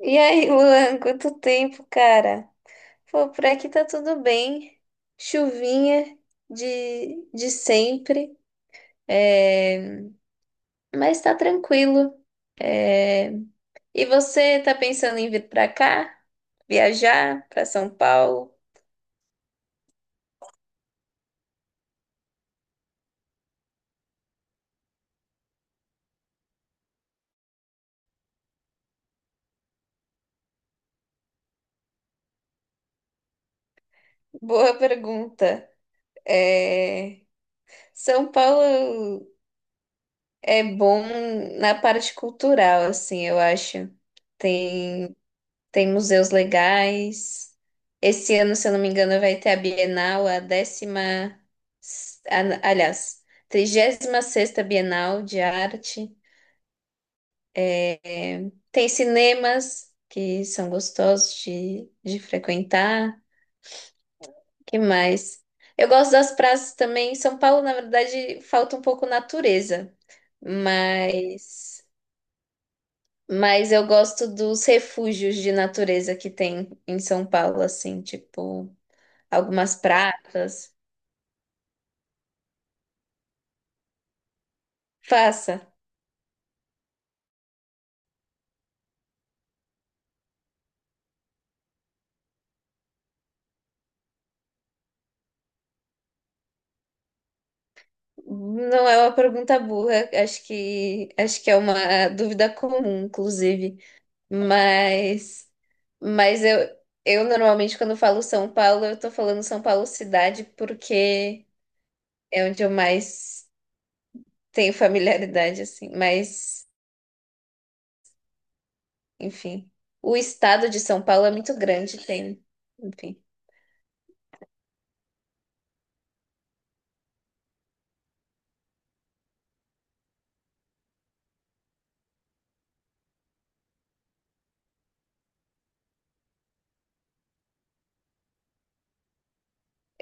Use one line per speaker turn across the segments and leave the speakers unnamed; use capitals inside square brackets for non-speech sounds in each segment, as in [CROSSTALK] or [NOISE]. E aí, Luan, quanto tempo, cara? Pô, por aqui tá tudo bem. Chuvinha de sempre, é, mas tá tranquilo. É, e você tá pensando em vir pra cá? Viajar pra São Paulo? Boa pergunta. É, São Paulo é bom na parte cultural, assim, eu acho. Tem. Tem museus legais. Esse ano, se eu não me engano, vai ter a Bienal, a décima, aliás, trigésima sexta Bienal de Arte. É, tem cinemas que são gostosos de frequentar. Que mais? Eu gosto das praças também. Em São Paulo, na verdade, falta um pouco natureza, mas, mas eu gosto dos refúgios de natureza que tem em São Paulo, assim, tipo. Algumas pratas. Faça. Não é uma pergunta burra, acho que é uma dúvida comum, inclusive. Mas mas eu normalmente quando falo São Paulo, eu tô falando São Paulo cidade, porque é onde eu mais tenho familiaridade assim, mas enfim. O estado de São Paulo é muito grande, tem, enfim.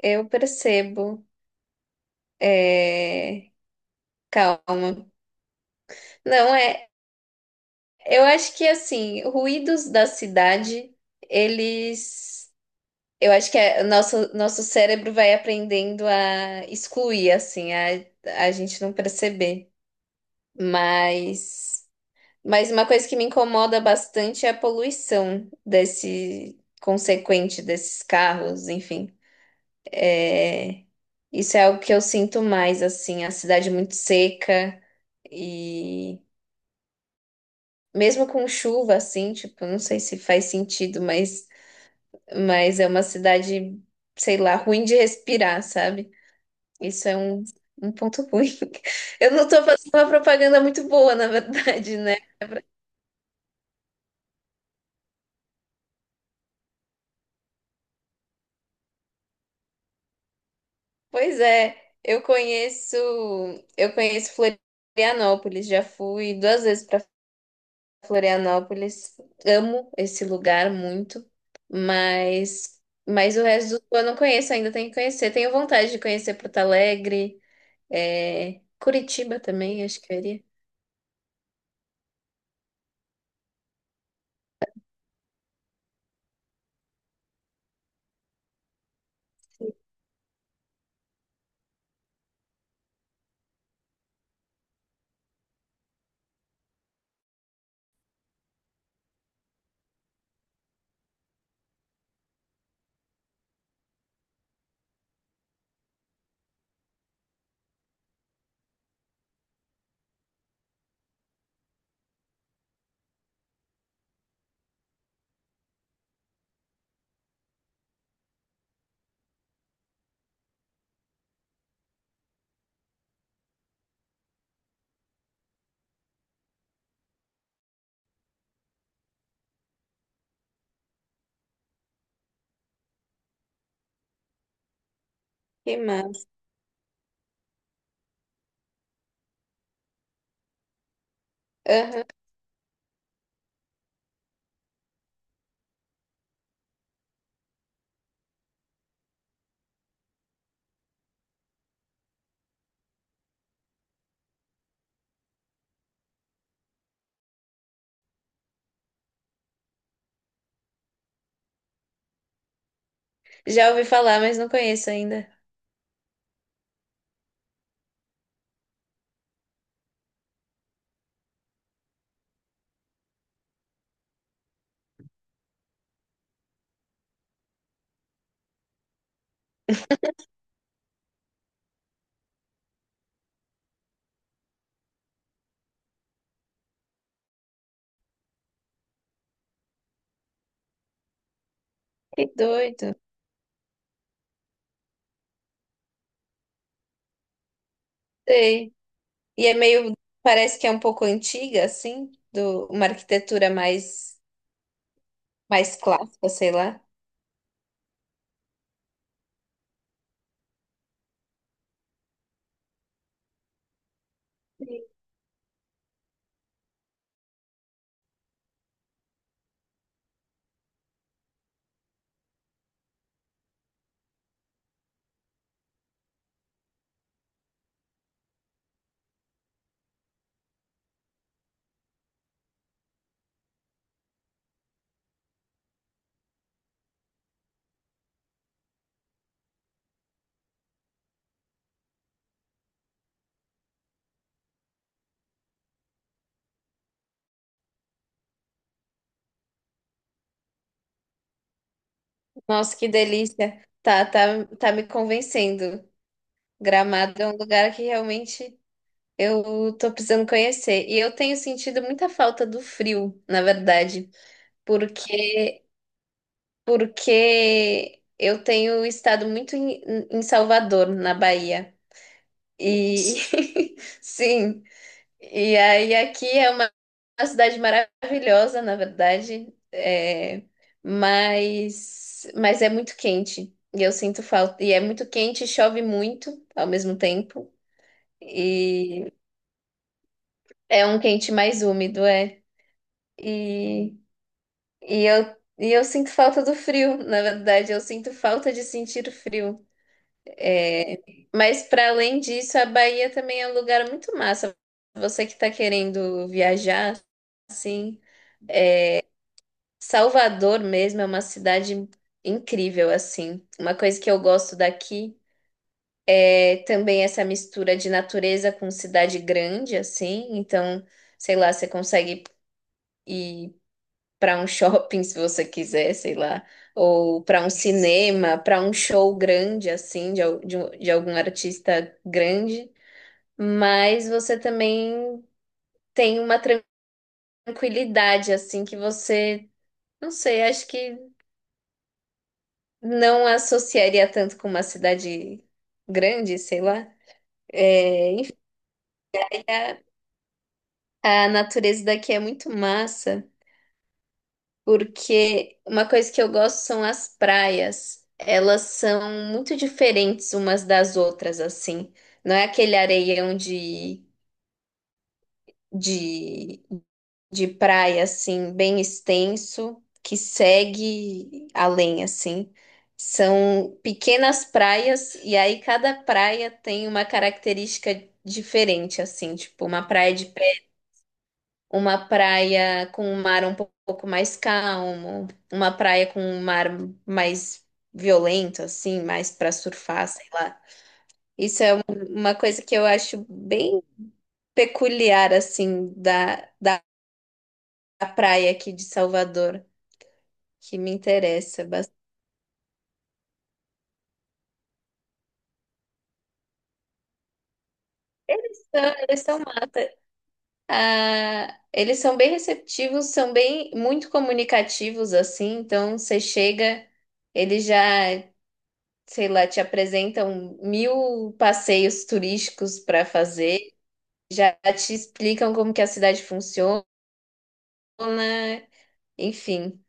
Eu percebo. É... Calma. Não é. Eu acho que assim, ruídos da cidade, eles, eu acho que o nosso cérebro vai aprendendo a excluir assim, a gente não perceber. Mas mas uma coisa que me incomoda bastante é a poluição desse consequente desses carros, enfim. É, isso é algo que eu sinto mais assim, a cidade muito seca e mesmo com chuva assim, tipo, não sei se faz sentido, mas é uma cidade, sei lá, ruim de respirar, sabe? Isso é um, um ponto ruim. [LAUGHS] Eu não tô fazendo uma propaganda muito boa, na verdade, né? Pois é, eu conheço, eu conheço Florianópolis, já fui duas vezes para Florianópolis. Amo esse lugar muito, mas mas o resto do eu não conheço ainda, tenho que conhecer. Tenho vontade de conhecer Porto Alegre, é, Curitiba também, acho que eu iria. Que massa. Já ouvi falar, mas não conheço ainda. Que doido. Sei. E é meio, parece que é um pouco antiga, assim, do uma arquitetura mais mais clássica, sei lá. Sim. Nossa, que delícia. Tá, me convencendo. Gramado é um lugar que realmente eu tô precisando conhecer. E eu tenho sentido muita falta do frio, na verdade, porque porque eu tenho estado muito em, em Salvador, na Bahia. E [LAUGHS] sim, e aí aqui é uma cidade maravilhosa, na verdade, é, mas é muito quente. E eu sinto falta. E é muito quente, e chove muito ao mesmo tempo. E é um quente mais úmido, é. E, e eu sinto falta do frio, na verdade, eu sinto falta de sentir o frio. Mas para além disso, a Bahia também é um lugar muito massa. Você que está querendo viajar, assim. Salvador mesmo é uma cidade incrível, assim. Uma coisa que eu gosto daqui é também essa mistura de natureza com cidade grande, assim. Então, sei lá, você consegue ir para um shopping [LAUGHS] se você quiser, sei lá, ou para um cinema, para um show grande, assim, de, al- de, um- de algum artista grande. Mas você também tem uma tranquilidade, assim, que você. Não sei, acho que. Não associaria tanto com uma cidade grande, sei lá. É, enfim, a natureza daqui é muito massa, porque uma coisa que eu gosto são as praias. Elas são muito diferentes umas das outras, assim. Não é aquele areião de de praia, assim, bem extenso, que segue além, assim. São pequenas praias, e aí cada praia tem uma característica diferente, assim, tipo uma praia de pé, uma praia com um mar um pouco mais calmo, uma praia com um mar mais violento, assim, mais para surfar, sei lá. Isso é um- uma coisa que eu acho bem peculiar, assim, da praia aqui de Salvador, que me interessa bastante. Então, eles são mata. Ah, eles são bem receptivos, são bem muito comunicativos assim, então você chega, eles já, sei lá, te apresentam mil passeios turísticos para fazer, já te explicam como que a cidade funciona, enfim,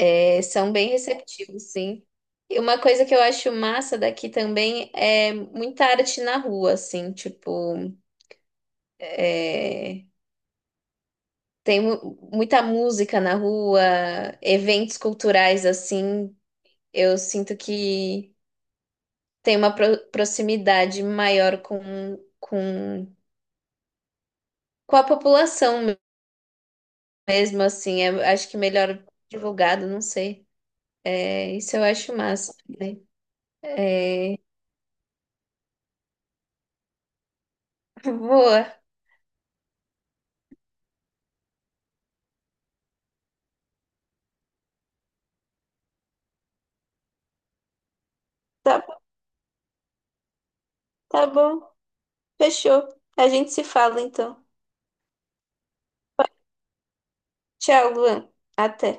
é, são bem receptivos, sim. E uma coisa que eu acho massa daqui também é muita arte na rua, assim, tipo, é, tem muita música na rua, eventos culturais assim. Eu sinto que tem uma proximidade maior com, com a população mesmo, assim. É- acho que melhor divulgado, não sei. É, isso eu acho massa. Né? É, [LAUGHS] boa. Tá, tá bom. Fechou. A gente se fala então. Tchau, Luan. Até.